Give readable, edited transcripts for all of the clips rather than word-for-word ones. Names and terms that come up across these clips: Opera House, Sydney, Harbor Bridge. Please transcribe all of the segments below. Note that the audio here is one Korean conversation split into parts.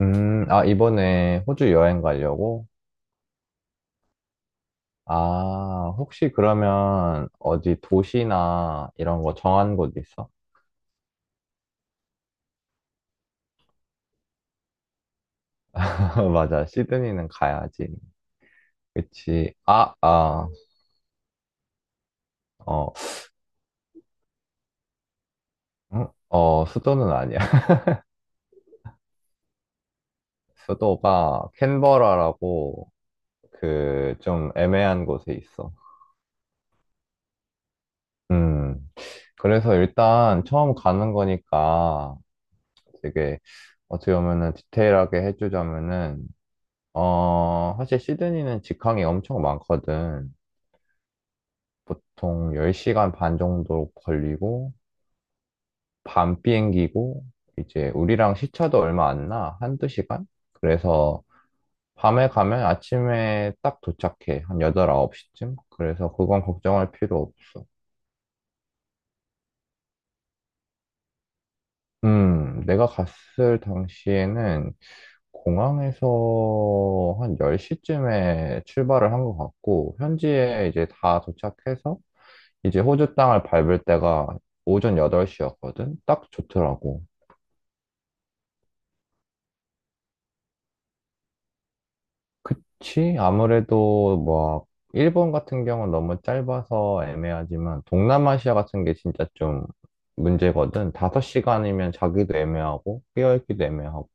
이번에 호주 여행 가려고? 아, 혹시 그러면 어디 도시나 이런 거 정한 곳 있어? 맞아, 시드니는 가야지. 그치. 어, 음? 수도는 아니야. 수도가 캔버라라고 그 좀 애매한 곳에 있어. 음, 그래서 일단 처음 가는 거니까 되게 어떻게 보면은 디테일하게 해주자면은 사실 시드니는 직항이 엄청 많거든. 보통 10시간 반 정도 걸리고, 밤 비행기고, 이제 우리랑 시차도 얼마 안 나. 한두 시간? 그래서 밤에 가면 아침에 딱 도착해. 한 8, 9시쯤? 그래서 그건 걱정할 필요 없어. 내가 갔을 당시에는 공항에서 한 10시쯤에 출발을 한 것 같고, 현지에 이제 다 도착해서 이제 호주 땅을 밟을 때가 오전 8시였거든? 딱 좋더라고. 그치? 아무래도 뭐, 일본 같은 경우는 너무 짧아서 애매하지만, 동남아시아 같은 게 진짜 좀 문제거든? 5시간이면 자기도 애매하고, 깨어있기도 애매하고.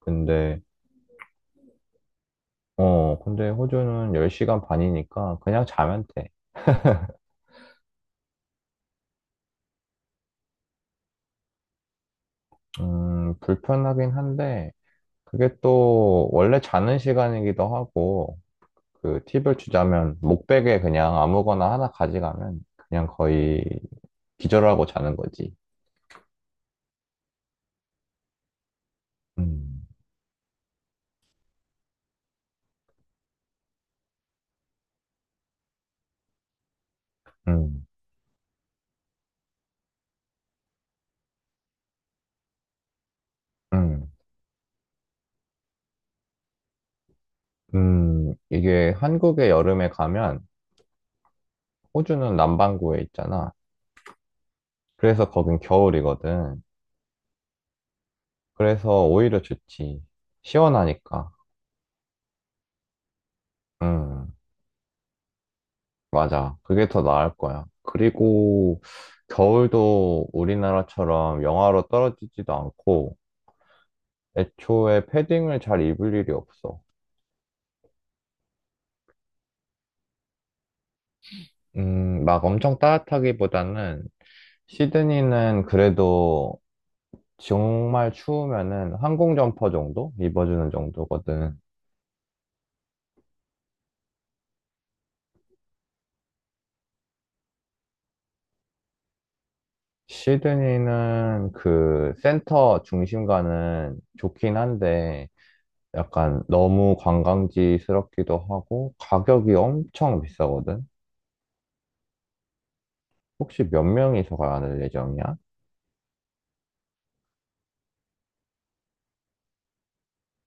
근데, 근데 호주는 10시간 반이니까 그냥 자면 돼. 불편하긴 한데, 그게 또 원래 자는 시간이기도 하고, 그 팁을 주자면 목베개 그냥 아무거나 하나 가져가면 그냥 거의 기절하고 자는 거지. 음. 음. 음. 음. 이게 한국의 여름에 가면 호주는 남반구에 있잖아. 그래서 거긴 겨울이거든. 그래서 오히려 좋지. 시원하니까. 음, 맞아. 그게 더 나을 거야. 그리고 겨울도 우리나라처럼 영하로 떨어지지도 않고 애초에 패딩을 잘 입을 일이 없어. 막 엄청 따뜻하기보다는 시드니는 그래도 정말 추우면은 항공 점퍼 정도 입어주는 정도거든. 시드니는 그 센터 중심가는 좋긴 한데 약간 너무 관광지스럽기도 하고 가격이 엄청 비싸거든. 혹시 몇 명이서 가야 할 예정이야?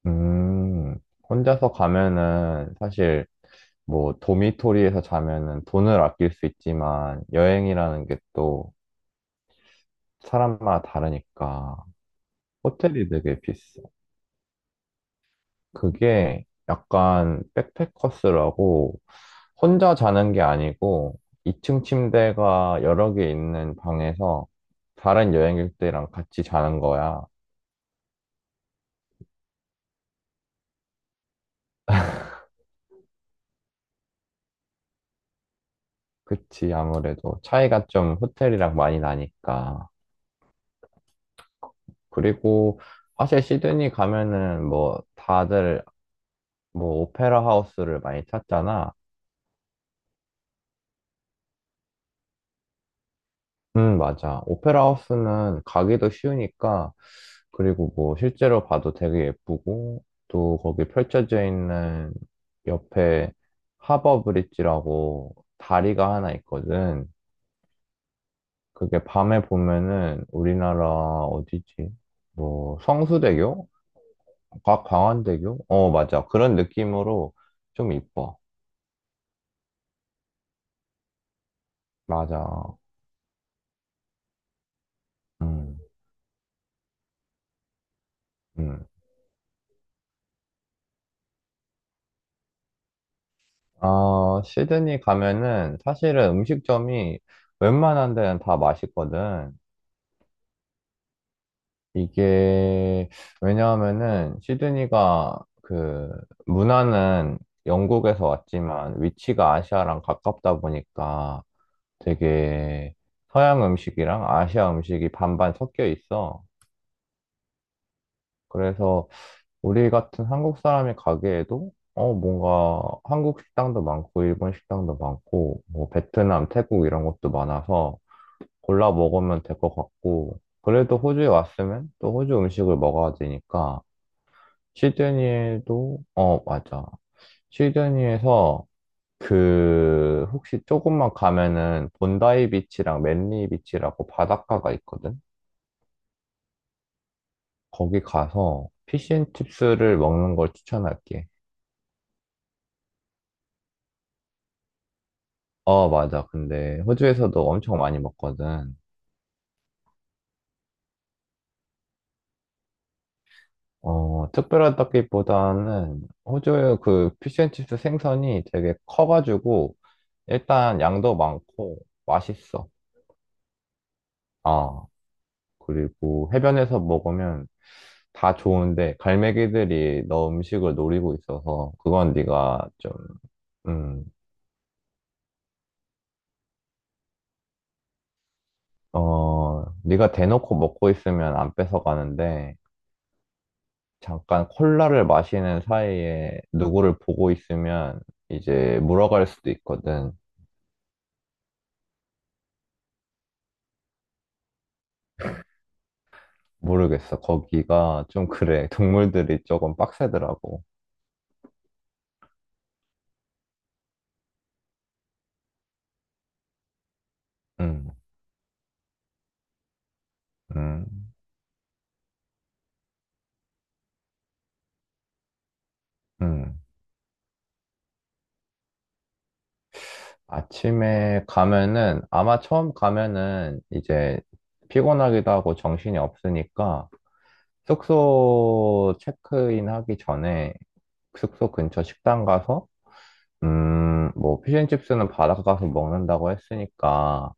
음, 혼자서 가면은 사실 뭐 도미토리에서 자면은 돈을 아낄 수 있지만 여행이라는 게 또 사람마다 다르니까 호텔이 되게 비싸. 그게 약간 백패커스라고 혼자 자는 게 아니고 2층 침대가 여러 개 있는 방에서 다른 여행객들이랑 같이 자는 거야. 그치, 아무래도 차이가 좀 호텔이랑 많이 나니까. 그리고 사실 시드니 가면은 뭐 다들 뭐 오페라 하우스를 많이 찾잖아. 맞아. 오페라 하우스는 가기도 쉬우니까 그리고 뭐 실제로 봐도 되게 예쁘고 또 거기 펼쳐져 있는 옆에 하버 브릿지라고 다리가 하나 있거든. 그게 밤에 보면은 우리나라 어디지? 뭐 성수대교? 광안대교? 어, 맞아. 그런 느낌으로 좀 이뻐. 맞아. 음. 음. 시드니 가면은 사실은 음식점이 웬만한 데는 다 맛있거든. 이게, 왜냐하면은 시드니가 그 문화는 영국에서 왔지만 위치가 아시아랑 가깝다 보니까 되게 서양 음식이랑 아시아 음식이 반반 섞여 있어. 그래서 우리 같은 한국 사람이 가기에도 뭔가 한국 식당도 많고, 일본 식당도 많고, 뭐 베트남, 태국 이런 것도 많아서 골라 먹으면 될 것 같고, 그래도 호주에 왔으면 또 호주 음식을 먹어야 되니까, 시드니에도, 어, 맞아. 시드니에서 그, 혹시 조금만 가면은 본다이 비치랑 맨리 비치라고 바닷가가 있거든? 거기 가서 피쉬앤칩스를 먹는 걸 추천할게. 어, 맞아. 근데 호주에서도 엄청 많이 먹거든. 어, 특별하다기보다는 호주의 그 피쉬앤칩스 생선이 되게 커가지고 일단 양도 많고 맛있어. 아, 그리고 해변에서 먹으면 다 좋은데 갈매기들이 너 음식을 노리고 있어서 그건 네가 좀, 음, 네가 대놓고 먹고 있으면 안 뺏어가는데 잠깐 콜라를 마시는 사이에 누구를 보고 있으면 이제 물어갈 수도 있거든. 모르겠어. 거기가 좀 그래. 동물들이 조금 빡세더라고. 음. 음. 음. 아침에 가면은, 아마 처음 가면은 이제 피곤하기도 하고 정신이 없으니까 숙소 체크인 하기 전에 숙소 근처 식당 가서, 뭐, 피쉬앤칩스는 바닷가 가서 먹는다고 했으니까,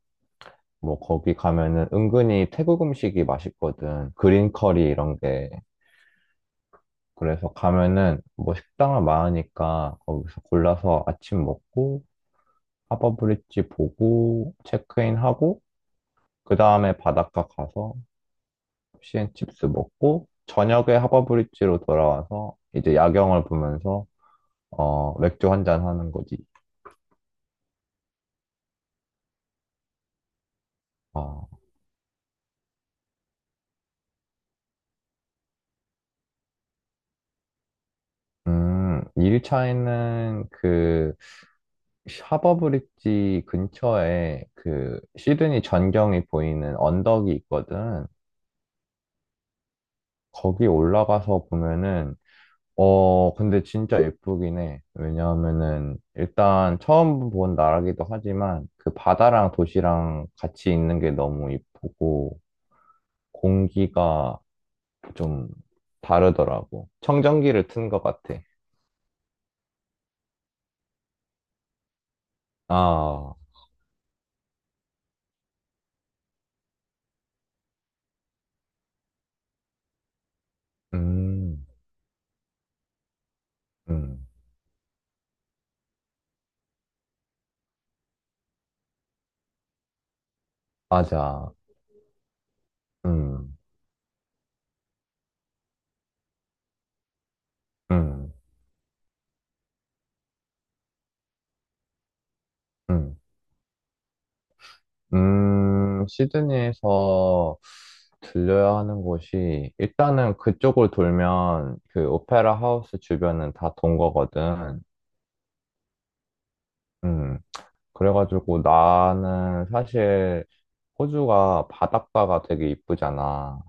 뭐, 거기 가면은 은근히 태국 음식이 맛있거든. 그린 커리 이런 게. 그래서 가면은 뭐 식당을 많으니까 거기서 골라서 아침 먹고 하버브릿지 보고 체크인하고 그 다음에 바닷가 가서 피앤칩스 먹고 저녁에 하버브릿지로 돌아와서 이제 야경을 보면서 맥주 한잔 하는 거지. 어, 1차에는 그 하버브릿지 근처에 그 시드니 전경이 보이는 언덕이 있거든. 거기 올라가서 보면은 근데 진짜 예쁘긴 해. 왜냐하면은, 일단 처음 본 나라기도 하지만, 그 바다랑 도시랑 같이 있는 게 너무 예쁘고, 공기가 좀 다르더라고. 청정기를 튼 것 같아. 아, 음. 음. 맞아. 음, 음, 음, 시드니에서 들려야 하는 곳이, 일단은 그쪽을 돌면 그 오페라 하우스 주변은 다 돈 거거든. 음, 그래가지고 나는 사실 호주가 바닷가가 되게 이쁘잖아.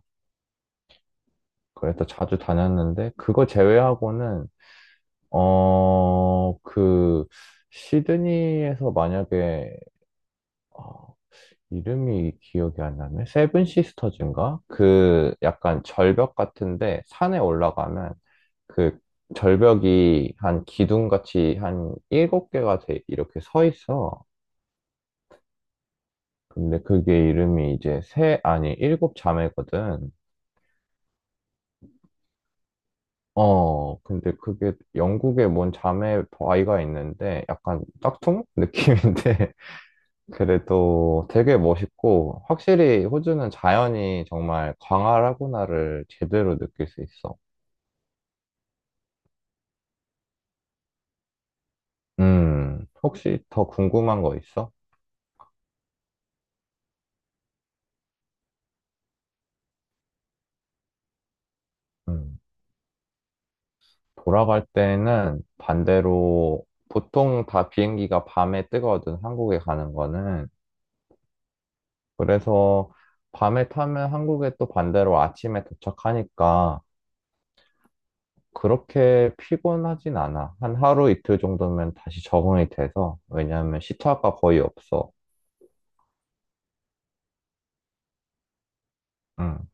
그래서 자주 다녔는데, 그거 제외하고는, 그, 시드니에서 만약에, 어, 이름이 기억이 안 나네? 세븐 시스터즈인가? 그 약간 절벽 같은데, 산에 올라가면 그 절벽이 한 기둥같이 한 일곱 개가 돼, 이렇게 서 있어. 근데 그게 이름이 이제 세, 아니, 일곱 자매거든. 근데 그게 영국에 뭔 자매 아이가 있는데 약간 짝퉁 느낌인데 그래도 되게 멋있고 확실히 호주는 자연이 정말 광활하구나를 제대로 느낄 수 있어. 혹시 더 궁금한 거 있어? 음, 돌아갈 때는 반대로 보통 다 비행기가 밤에 뜨거든, 한국에 가는 거는. 그래서 밤에 타면 한국에 또 반대로 아침에 도착하니까 그렇게 피곤하진 않아. 한 하루 이틀 정도면 다시 적응이 돼서. 왜냐하면 시차가 거의 없어. 응.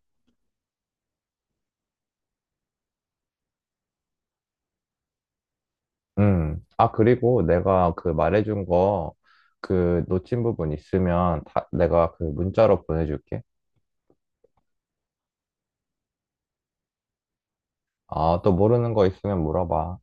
응. 아, 그리고 내가 그 말해준 거 그 놓친 부분 있으면 다, 내가 그 문자로 보내줄게. 아, 또 모르는 거 있으면 물어봐.